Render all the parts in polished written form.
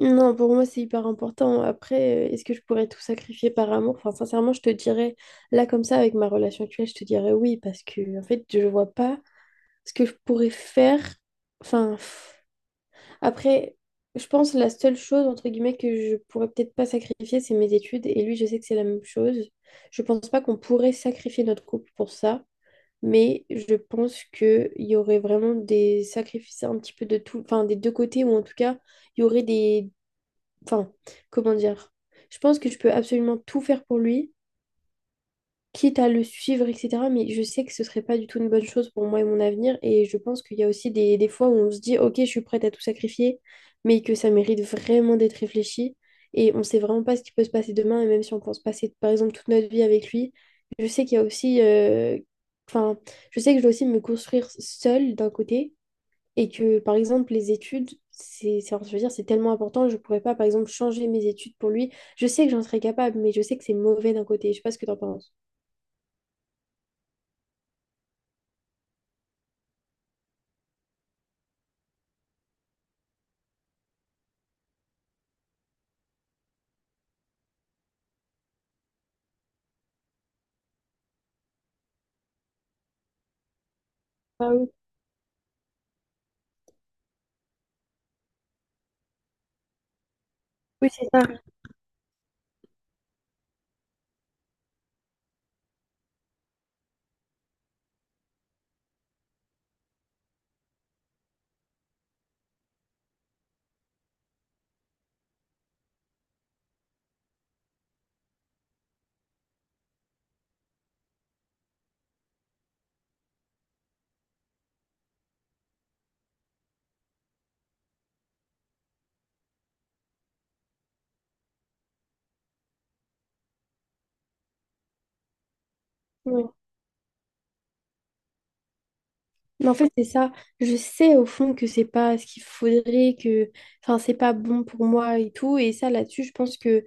Non, pour moi, c'est hyper important. Après, est-ce que je pourrais tout sacrifier par amour? Enfin, sincèrement, je te dirais, là, comme ça, avec ma relation actuelle, je te dirais oui, parce que, en fait, je vois pas ce que je pourrais faire. Enfin, pff. après, je pense la seule chose, entre guillemets, que je pourrais peut-être pas sacrifier, c'est mes études. Et lui, je sais que c'est la même chose. Je pense pas qu'on pourrait sacrifier notre couple pour ça, mais je pense qu'il y aurait vraiment des sacrifices un petit peu de tout, enfin, des deux côtés, ou en tout cas, il y aurait des Enfin, comment dire? Je pense que je peux absolument tout faire pour lui, quitte à le suivre, etc. Mais je sais que ce serait pas du tout une bonne chose pour moi et mon avenir. Et je pense qu'il y a aussi des fois où on se dit, ok, je suis prête à tout sacrifier, mais que ça mérite vraiment d'être réfléchi. Et on sait vraiment pas ce qui peut se passer demain. Et même si on pense passer, par exemple, toute notre vie avec lui, je sais qu'il y a aussi. Enfin, je sais que je dois aussi me construire seule d'un côté. Et que, par exemple, les études, je veux dire, c'est tellement important, je pourrais pas, par exemple, changer mes études pour lui. Je sais que j'en serais capable, mais je sais que c'est mauvais d'un côté. Je sais pas ce que t'en penses. Ah oui. Oui, c'est ça. Ouais. Mais en fait, c'est ça. Je sais au fond que c'est pas ce qu'il faudrait, que c'est pas bon pour moi et tout. Et ça, là-dessus, je pense que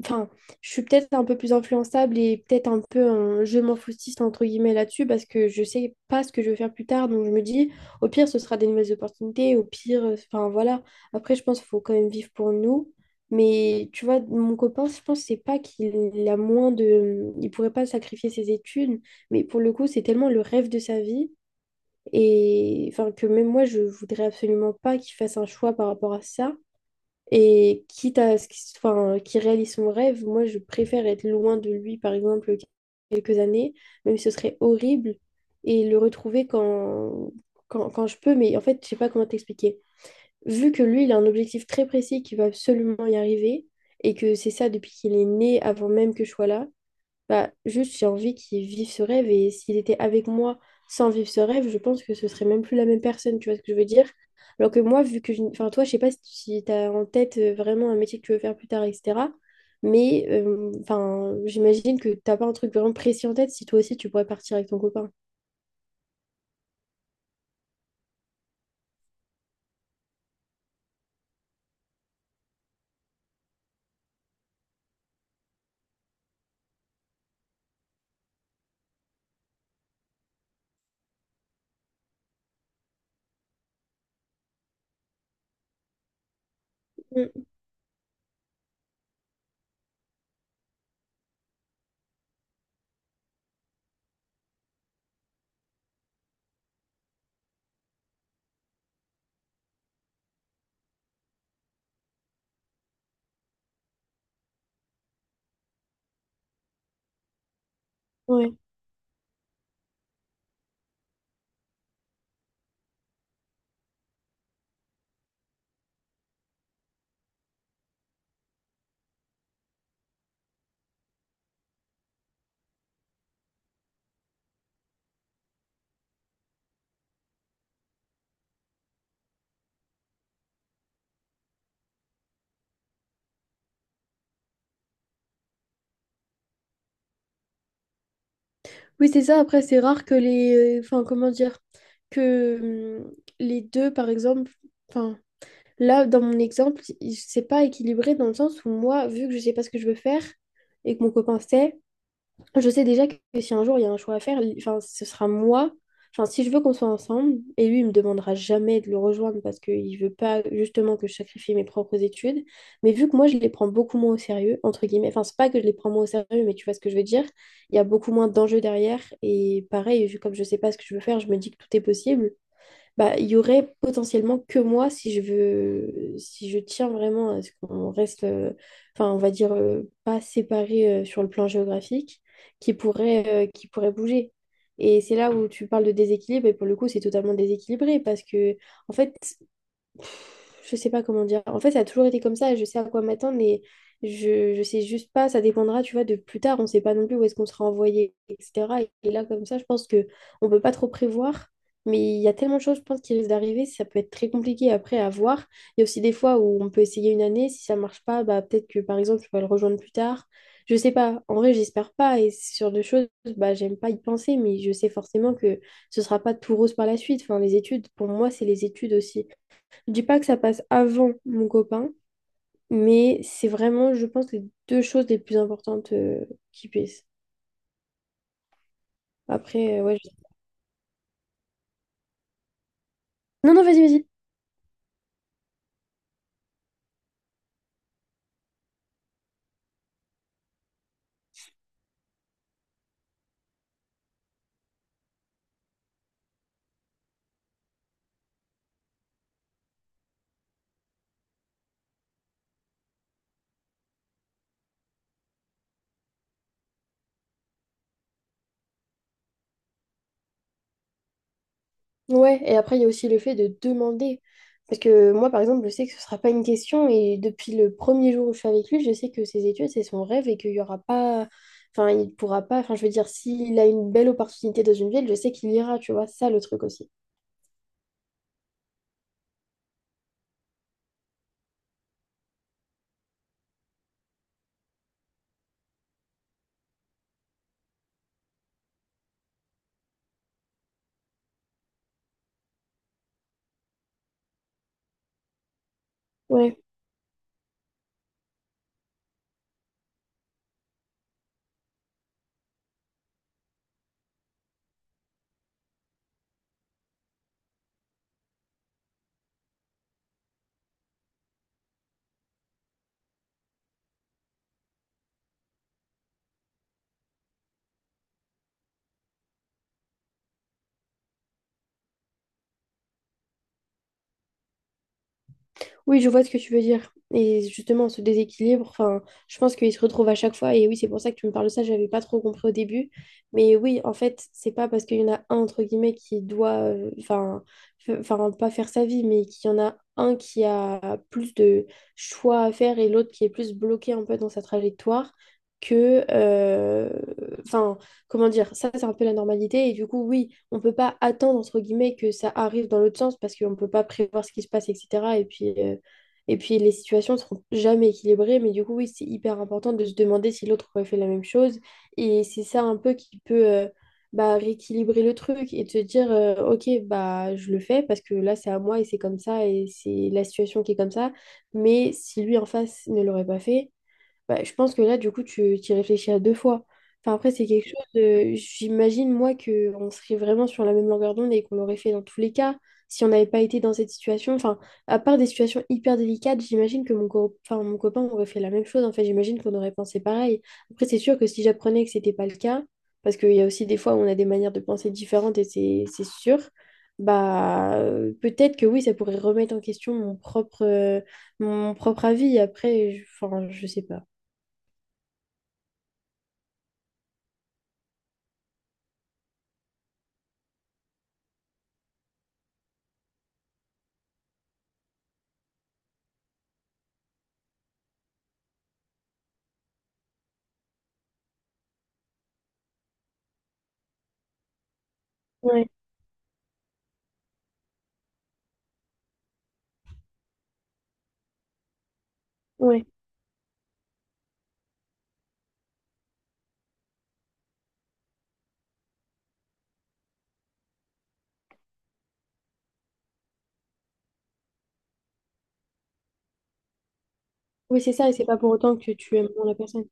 enfin, je suis peut-être un peu plus influençable et peut-être un peu un je m'en foutiste entre guillemets là-dessus parce que je sais pas ce que je veux faire plus tard. Donc je me dis, au pire, ce sera des nouvelles opportunités. Au pire, enfin voilà. Après, je pense qu'il faut quand même vivre pour nous. Mais tu vois, mon copain, je pense c'est pas qu'il a moins de. Il pourrait pas sacrifier ses études. Mais pour le coup, c'est tellement le rêve de sa vie et enfin que même moi je voudrais absolument pas qu'il fasse un choix par rapport à ça et quitte à ce qu'il réalise son rêve, moi je préfère être loin de lui par exemple quelques années, même si ce serait horrible, et le retrouver quand je peux, mais en fait je sais pas comment t'expliquer, vu que lui il a un objectif très précis qu'il va absolument y arriver et que c'est ça depuis qu'il est né avant même que je sois là. Bah, juste, j'ai envie qu'il vive ce rêve, et s'il était avec moi sans vivre ce rêve, je pense que ce serait même plus la même personne, tu vois ce que je veux dire? Alors que moi, vu que je... Enfin, toi, je sais pas si tu as en tête vraiment un métier que tu veux faire plus tard, etc. Mais enfin, j'imagine que t'as pas un truc vraiment précis en tête, si toi aussi tu pourrais partir avec ton copain. Mm. Ouais. Oui, c'est ça. Après, c'est rare que les... Enfin, comment dire? Que les deux, par exemple... Là, dans mon exemple, c'est pas équilibré dans le sens où moi, vu que je sais pas ce que je veux faire et que mon copain sait, je sais déjà que si un jour il y a un choix à faire, ce sera moi. Enfin, si je veux qu'on soit ensemble, et lui, il me demandera jamais de le rejoindre parce qu'il veut pas justement que je sacrifie mes propres études. Mais vu que moi, je les prends beaucoup moins au sérieux, entre guillemets, enfin, c'est pas que je les prends moins au sérieux, mais tu vois ce que je veux dire, il y a beaucoup moins d'enjeux derrière. Et pareil, comme je sais pas ce que je veux faire, je me dis que tout est possible. Bah, il y aurait potentiellement que moi si je veux, si je tiens vraiment à ce qu'on reste, enfin, on va dire, pas séparés sur le plan géographique, qui pourrait bouger. Et c'est là où tu parles de déséquilibre, et pour le coup, c'est totalement déséquilibré, parce que, en fait, je sais pas comment dire. En fait, ça a toujours été comme ça. Je sais à quoi m'attendre, mais je sais juste pas. Ça dépendra, tu vois, de plus tard. On sait pas non plus où est-ce qu'on sera envoyé, etc. Et là, comme ça, je pense que on peut pas trop prévoir. Mais il y a tellement de choses, je pense, qui risquent d'arriver. Ça peut être très compliqué après à voir. Il y a aussi des fois où on peut essayer une année. Si ça marche pas, bah, peut-être que, par exemple, tu vas le rejoindre plus tard. Je sais pas. En vrai, j'espère pas. Et sur deux choses, bah, j'aime pas y penser, mais je sais forcément que ce sera pas tout rose par la suite. Enfin, les études, pour moi, c'est les études aussi. Je dis pas que ça passe avant mon copain, mais c'est vraiment, je pense, les deux choses les plus importantes qui puissent. Après, ouais. Non, non, vas-y, vas-y. Ouais, et après, il y a aussi le fait de demander. Parce que moi, par exemple, je sais que ce sera pas une question, et depuis le premier jour où je suis avec lui, je sais que ses études, c'est son rêve et qu'il y aura pas. Enfin, il pourra pas. Enfin, je veux dire, s'il a une belle opportunité dans une ville, je sais qu'il ira, tu vois, c'est ça le truc aussi. Ouais. Oui, je vois ce que tu veux dire. Et justement, ce déséquilibre, enfin, je pense qu'il se retrouve à chaque fois. Et oui, c'est pour ça que tu me parles de ça, j'avais pas trop compris au début. Mais oui, en fait, c'est pas parce qu'il y en a un, entre guillemets, qui doit, pas faire sa vie, mais qu'il y en a un qui a plus de choix à faire et l'autre qui est plus bloqué un peu dans sa trajectoire que, enfin, comment dire, ça, c'est un peu la normalité. Et du coup, oui, on peut pas attendre, entre guillemets, que ça arrive dans l'autre sens parce qu'on peut pas prévoir ce qui se passe, etc. Et puis les situations ne seront jamais équilibrées, mais du coup, oui, c'est hyper important de se demander si l'autre aurait fait la même chose. Et c'est ça un peu qui peut bah, rééquilibrer le truc et te dire, ok, bah je le fais parce que là, c'est à moi et c'est comme ça et c'est la situation qui est comme ça. Mais si lui en face ne l'aurait pas fait, bah, je pense que là, du coup, tu t'y réfléchis à deux fois. Enfin, après, c'est quelque chose de... J'imagine, moi, qu'on serait vraiment sur la même longueur d'onde et qu'on l'aurait fait dans tous les cas si on n'avait pas été dans cette situation. Enfin, à part des situations hyper délicates, j'imagine que mon copain aurait fait la même chose. En fait, j'imagine qu'on aurait pensé pareil. Après, c'est sûr que si j'apprenais que c'était pas le cas, parce qu'il y a aussi des fois où on a des manières de penser différentes et c'est sûr, bah, peut-être que oui, ça pourrait remettre en question mon propre avis. Après, enfin, je sais pas. Ouais, ouais. Oui, c'est ça, et c'est pas pour autant que tu aimes moins la personne.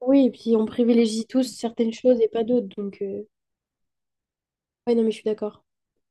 Oui, et puis on privilégie tous certaines choses et pas d'autres, donc... Ouais, non, mais je suis d'accord.